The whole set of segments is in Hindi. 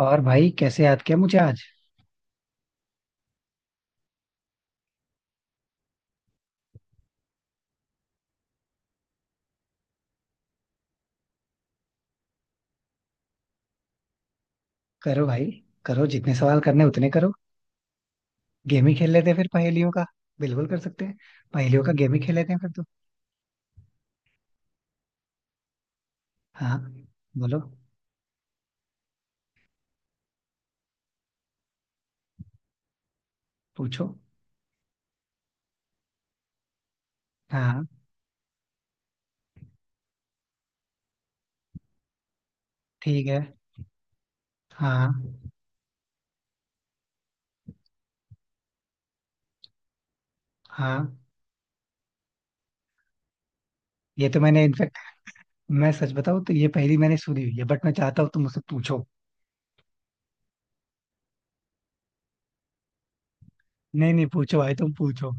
और भाई कैसे याद किया मुझे आज। करो भाई। करो जितने सवाल करने उतने करो। गेम ही खेल लेते हैं फिर पहेलियों का। बिल्कुल कर सकते हैं। पहेलियों का गेम ही खेल लेते हैं फिर तो। हाँ। बोलो। पूछो। हाँ, ठीक है। हाँ हाँ ये तो मैंने इनफेक्ट, मैं सच बताऊं तो ये पहेली मैंने सुनी हुई है, बट मैं चाहता हूँ तुम मुझसे पूछो। नहीं नहीं, पूछो भाई, तुम पूछो।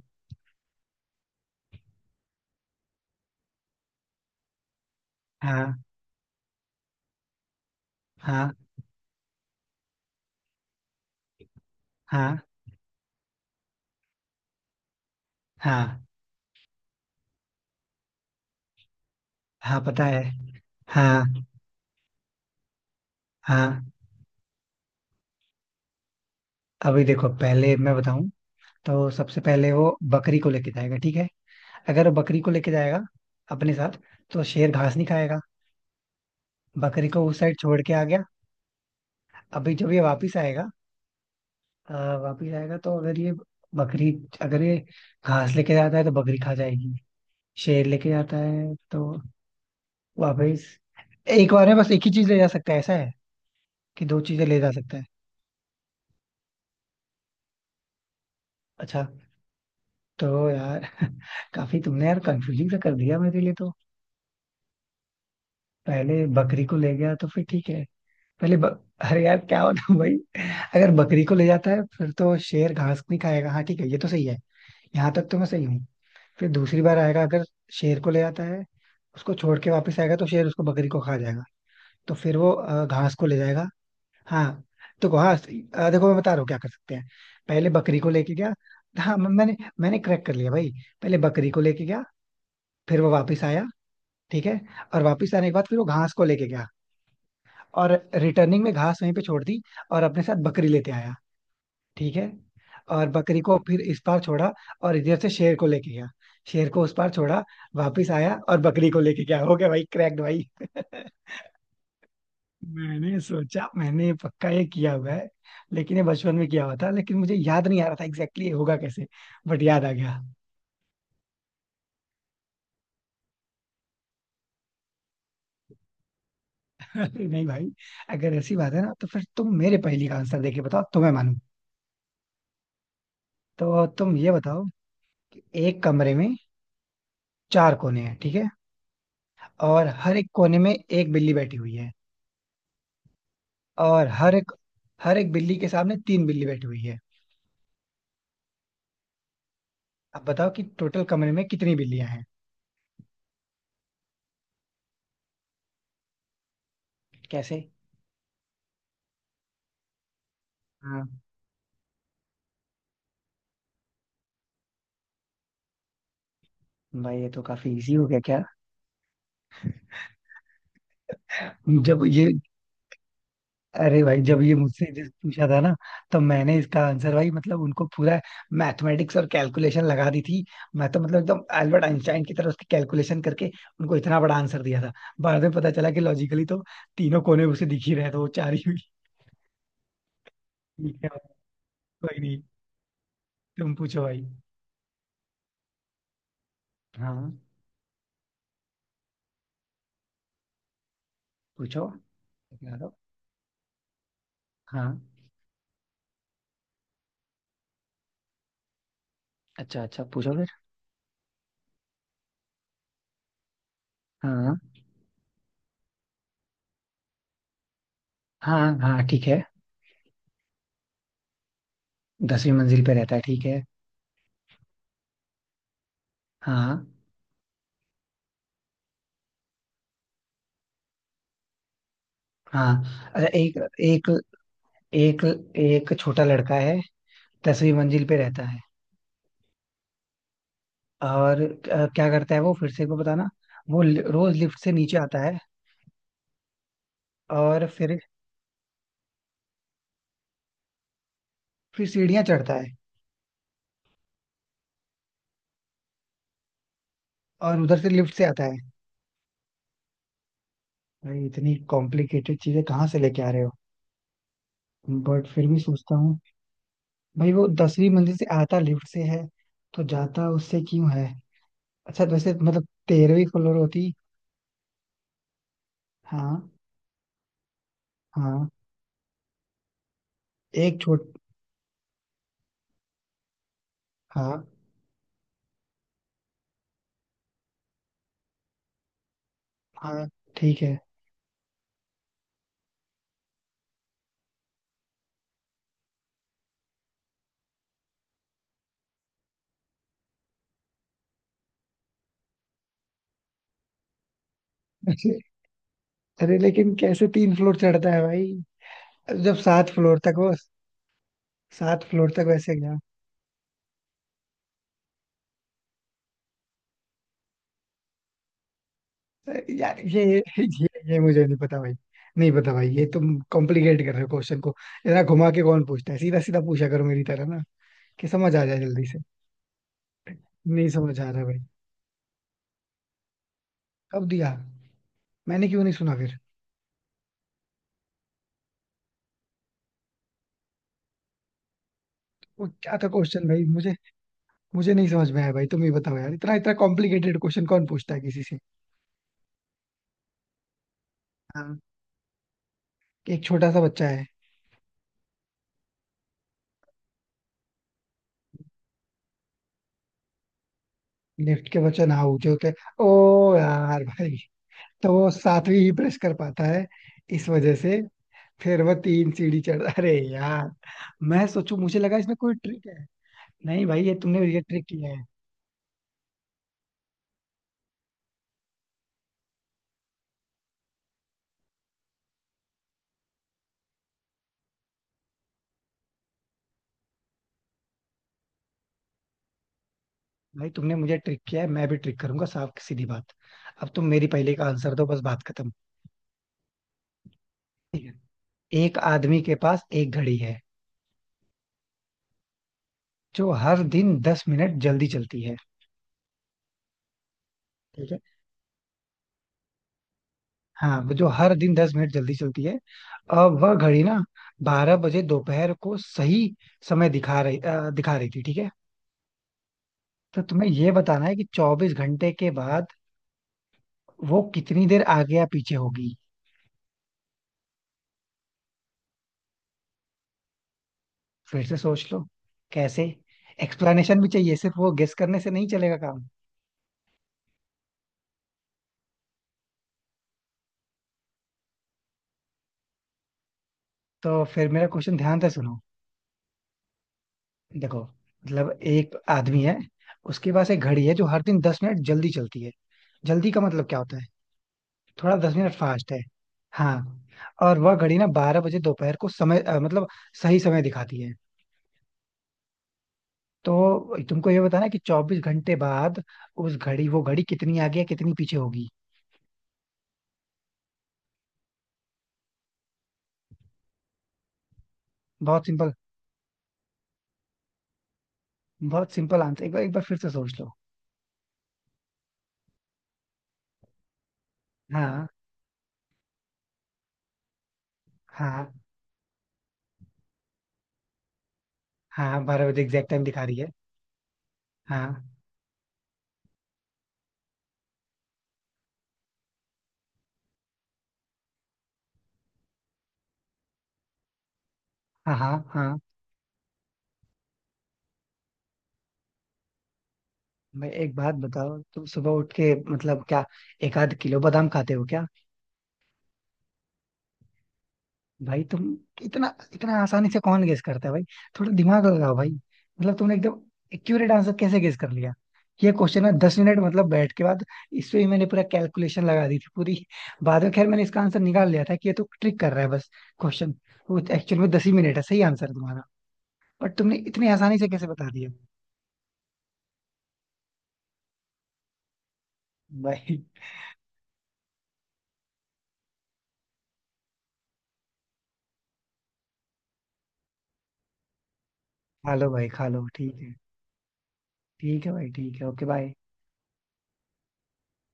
हाँ हाँ हाँ। हाँ हाँ, पता है। हाँ हाँ अभी देखो, पहले मैं बताऊं। तो सबसे पहले वो बकरी को लेके जाएगा, ठीक है। अगर वो बकरी को लेके जाएगा अपने साथ, तो शेर घास नहीं खाएगा। बकरी को उस साइड छोड़ के आ गया। अभी जब ये वापिस आएगा। अ, वापिस आएगा तो अगर ये बकरी, अगर ये घास लेके जाता है तो बकरी खा जाएगी। शेर लेके जाता है तो वापिस। एक बार में बस एक ही चीज ले जा सकता है, ऐसा है? कि दो चीजें ले जा सकता है? अच्छा। तो यार काफी तुमने यार कंफ्यूजिंग सा कर दिया मेरे लिए तो। पहले बकरी को ले गया तो फिर ठीक है। अरे यार क्या होता भाई? अगर बकरी को ले जाता है फिर तो शेर घास नहीं खाएगा, हाँ ठीक है, ये तो सही है। यहाँ तक तो मैं सही हूँ। फिर दूसरी बार आएगा, अगर शेर को ले जाता है, उसको छोड़ के वापस आएगा तो शेर उसको बकरी को खा जाएगा। तो फिर वो घास को ले जाएगा। हाँ। तो हाँ, देखो मैं बता रहा हूँ क्या कर सकते हैं। पहले बकरी को लेके गया। हाँ, म- मैंने मैंने क्रैक कर लिया भाई। पहले बकरी को लेके गया। फिर वो वापस आया, ठीक है। और वापस आने के बाद फिर वो घास को लेके गया। और रिटर्निंग में घास वहीं पे छोड़ दी, और अपने साथ बकरी लेते आया, ठीक है। और बकरी को फिर इस पार छोड़ा, और इधर से शेर को लेके गया। शेर को उस पार छोड़ा। वापिस आया और बकरी को लेके गया। हो गया भाई, क्रैक्ड भाई। मैंने सोचा, मैंने पक्का ये किया हुआ है। लेकिन ये बचपन में किया हुआ था, लेकिन मुझे याद नहीं आ रहा था एग्जैक्टली ये होगा कैसे, बट याद आ गया। अरे नहीं भाई। अगर ऐसी बात है ना, तो फिर तुम मेरे पहेली का आंसर देके बताओ, तो मैं मानू। तो तुम ये बताओ कि एक कमरे में चार कोने हैं, ठीक है। और हर एक कोने में एक बिल्ली बैठी हुई है। और हर एक बिल्ली के सामने तीन बिल्ली बैठी हुई है। अब बताओ कि टोटल कमरे में कितनी बिल्लियां हैं। कैसे? हाँ, भाई ये तो काफी इजी हो गया क्या। जब ये अरे भाई, जब ये मुझसे जब पूछा था ना, तो मैंने इसका आंसर, भाई मतलब उनको पूरा मैथमेटिक्स और कैलकुलेशन लगा दी थी। मैं तो मतलब एकदम अल्बर्ट आइंस्टाइन की तरह उसकी कैलकुलेशन करके उनको इतना बड़ा आंसर दिया था। बाद में पता चला कि लॉजिकली तो तीनों कोने उसे दिख ही रहे थे, वो चार ही हुई। ठीक है, कोई नहीं, तुम पूछो भाई। हाँ। पूछो। हाँ। अच्छा अच्छा, पूछो फिर। हाँ हाँ हाँ ठीक है। 10वीं मंजिल पे रहता है, ठीक है। हाँ हाँ अच्छा, एक एक एक एक छोटा लड़का है, 10वीं मंजिल पे रहता है। और क्या करता है वो? फिर से एक बार बताना। रोज लिफ्ट से नीचे आता है। और फिर सीढ़ियाँ चढ़ता है और उधर से लिफ्ट से आता है। भाई इतनी कॉम्प्लिकेटेड चीजें कहाँ से लेके आ रहे हो? बट फिर भी सोचता हूँ। भाई वो 10वीं मंजिल से आता लिफ्ट से है, तो जाता उससे क्यों है? अच्छा तो ऐसे मतलब 13वीं फ्लोर होती। हाँ। हाँ एक छोट हाँ, हाँ ठीक है। अरे, अरे लेकिन कैसे तीन फ्लोर चढ़ता है भाई, जब सात फ्लोर तक हो? सात फ्लोर तक वैसे गया। अरे यार, ये ये मुझे नहीं पता भाई। नहीं पता भाई, ये तुम कॉम्प्लिकेट कर रहे हो क्वेश्चन को। इतना घुमा के कौन पूछता है? सीधा सीधा पूछा करो मेरी तरह ना, कि समझ आ जाए जल्दी से। नहीं समझ आ रहा भाई, कब दिया? मैंने क्यों नहीं सुना फिर? वो क्या था क्वेश्चन भाई मुझे? मुझे नहीं समझ में आया भाई, तुम ही बताओ यार, इतना इतना कॉम्प्लिकेटेड क्वेश्चन कौन पूछता है किसी से। हाँ, कि एक छोटा सा बच्चा है। लिफ्ट के बच्चा ना ऊंचे होते। ओ, यार भाई, तो वो सातवीं ही प्रेस कर पाता है इस वजह से, फिर वह तीन सीढ़ी चढ़, अरे यार। मैं सोचू मुझे लगा इसमें कोई ट्रिक है। नहीं भाई, ये तुमने ये ट्रिक किया है। भाई तुमने मुझे ट्रिक किया है, मैं भी ट्रिक करूंगा, साफ सीधी बात। अब तुम मेरी पहले का आंसर दो, बस बात खत्म। ठीक है, एक आदमी के पास एक घड़ी है जो हर दिन 10 मिनट जल्दी चलती है। ठीक है। हाँ, वो जो हर दिन दस मिनट जल्दी चलती है। अब वह घड़ी ना 12 बजे दोपहर को सही समय दिखा रही थी, ठीक है। तो तुम्हें ये बताना है कि 24 घंटे के बाद वो कितनी देर आगे या पीछे होगी। फिर से सोच लो। कैसे? एक्सप्लेनेशन भी चाहिए, सिर्फ वो गेस करने से नहीं चलेगा काम। तो फिर मेरा क्वेश्चन ध्यान से सुनो। देखो मतलब एक आदमी है, उसके पास एक घड़ी है जो हर दिन दस मिनट जल्दी चलती है। जल्दी का मतलब क्या होता है? थोड़ा 10 मिनट फास्ट है। हाँ। और वह घड़ी ना बारह बजे दोपहर को समय मतलब सही समय दिखाती है। तो तुमको ये बताना है कि चौबीस घंटे बाद उस घड़ी वो घड़ी कितनी आगे या कितनी पीछे होगी। बहुत सिंपल। बहुत सिंपल आंसर। एक बार फिर से सोच लो। हाँ हाँ हाँ बारह बजे एग्जैक्ट टाइम दिखा रही है। हाँ हाँ हाँ हाँ मैं एक बात बताओ, तुम सुबह उठ के मतलब क्या एक आध किलो बादाम खाते हो क्या? भाई तुम, इतना इतना आसानी से कौन गेस करता है भाई? थोड़ा दिमाग लगाओ भाई। मतलब तुमने एकदम एक्यूरेट आंसर कैसे गेस कर लिया? ये क्वेश्चन है 10 मिनट मतलब बैठ के बाद इस पे ही मैंने पूरा कैलकुलेशन लगा दी थी पूरी। बाद में खैर मैंने इसका आंसर निकाल लिया था कि ये तो ट्रिक कर रहा है बस। क्वेश्चन वो एक्चुअल में दस ही मिनट है सही आंसर तुम्हारा, बट तुमने इतनी आसानी से कैसे बता दिया? भाई खा लो, भाई खा लो, ठीक है। ठीक है भाई, ठीक है, ओके बाय।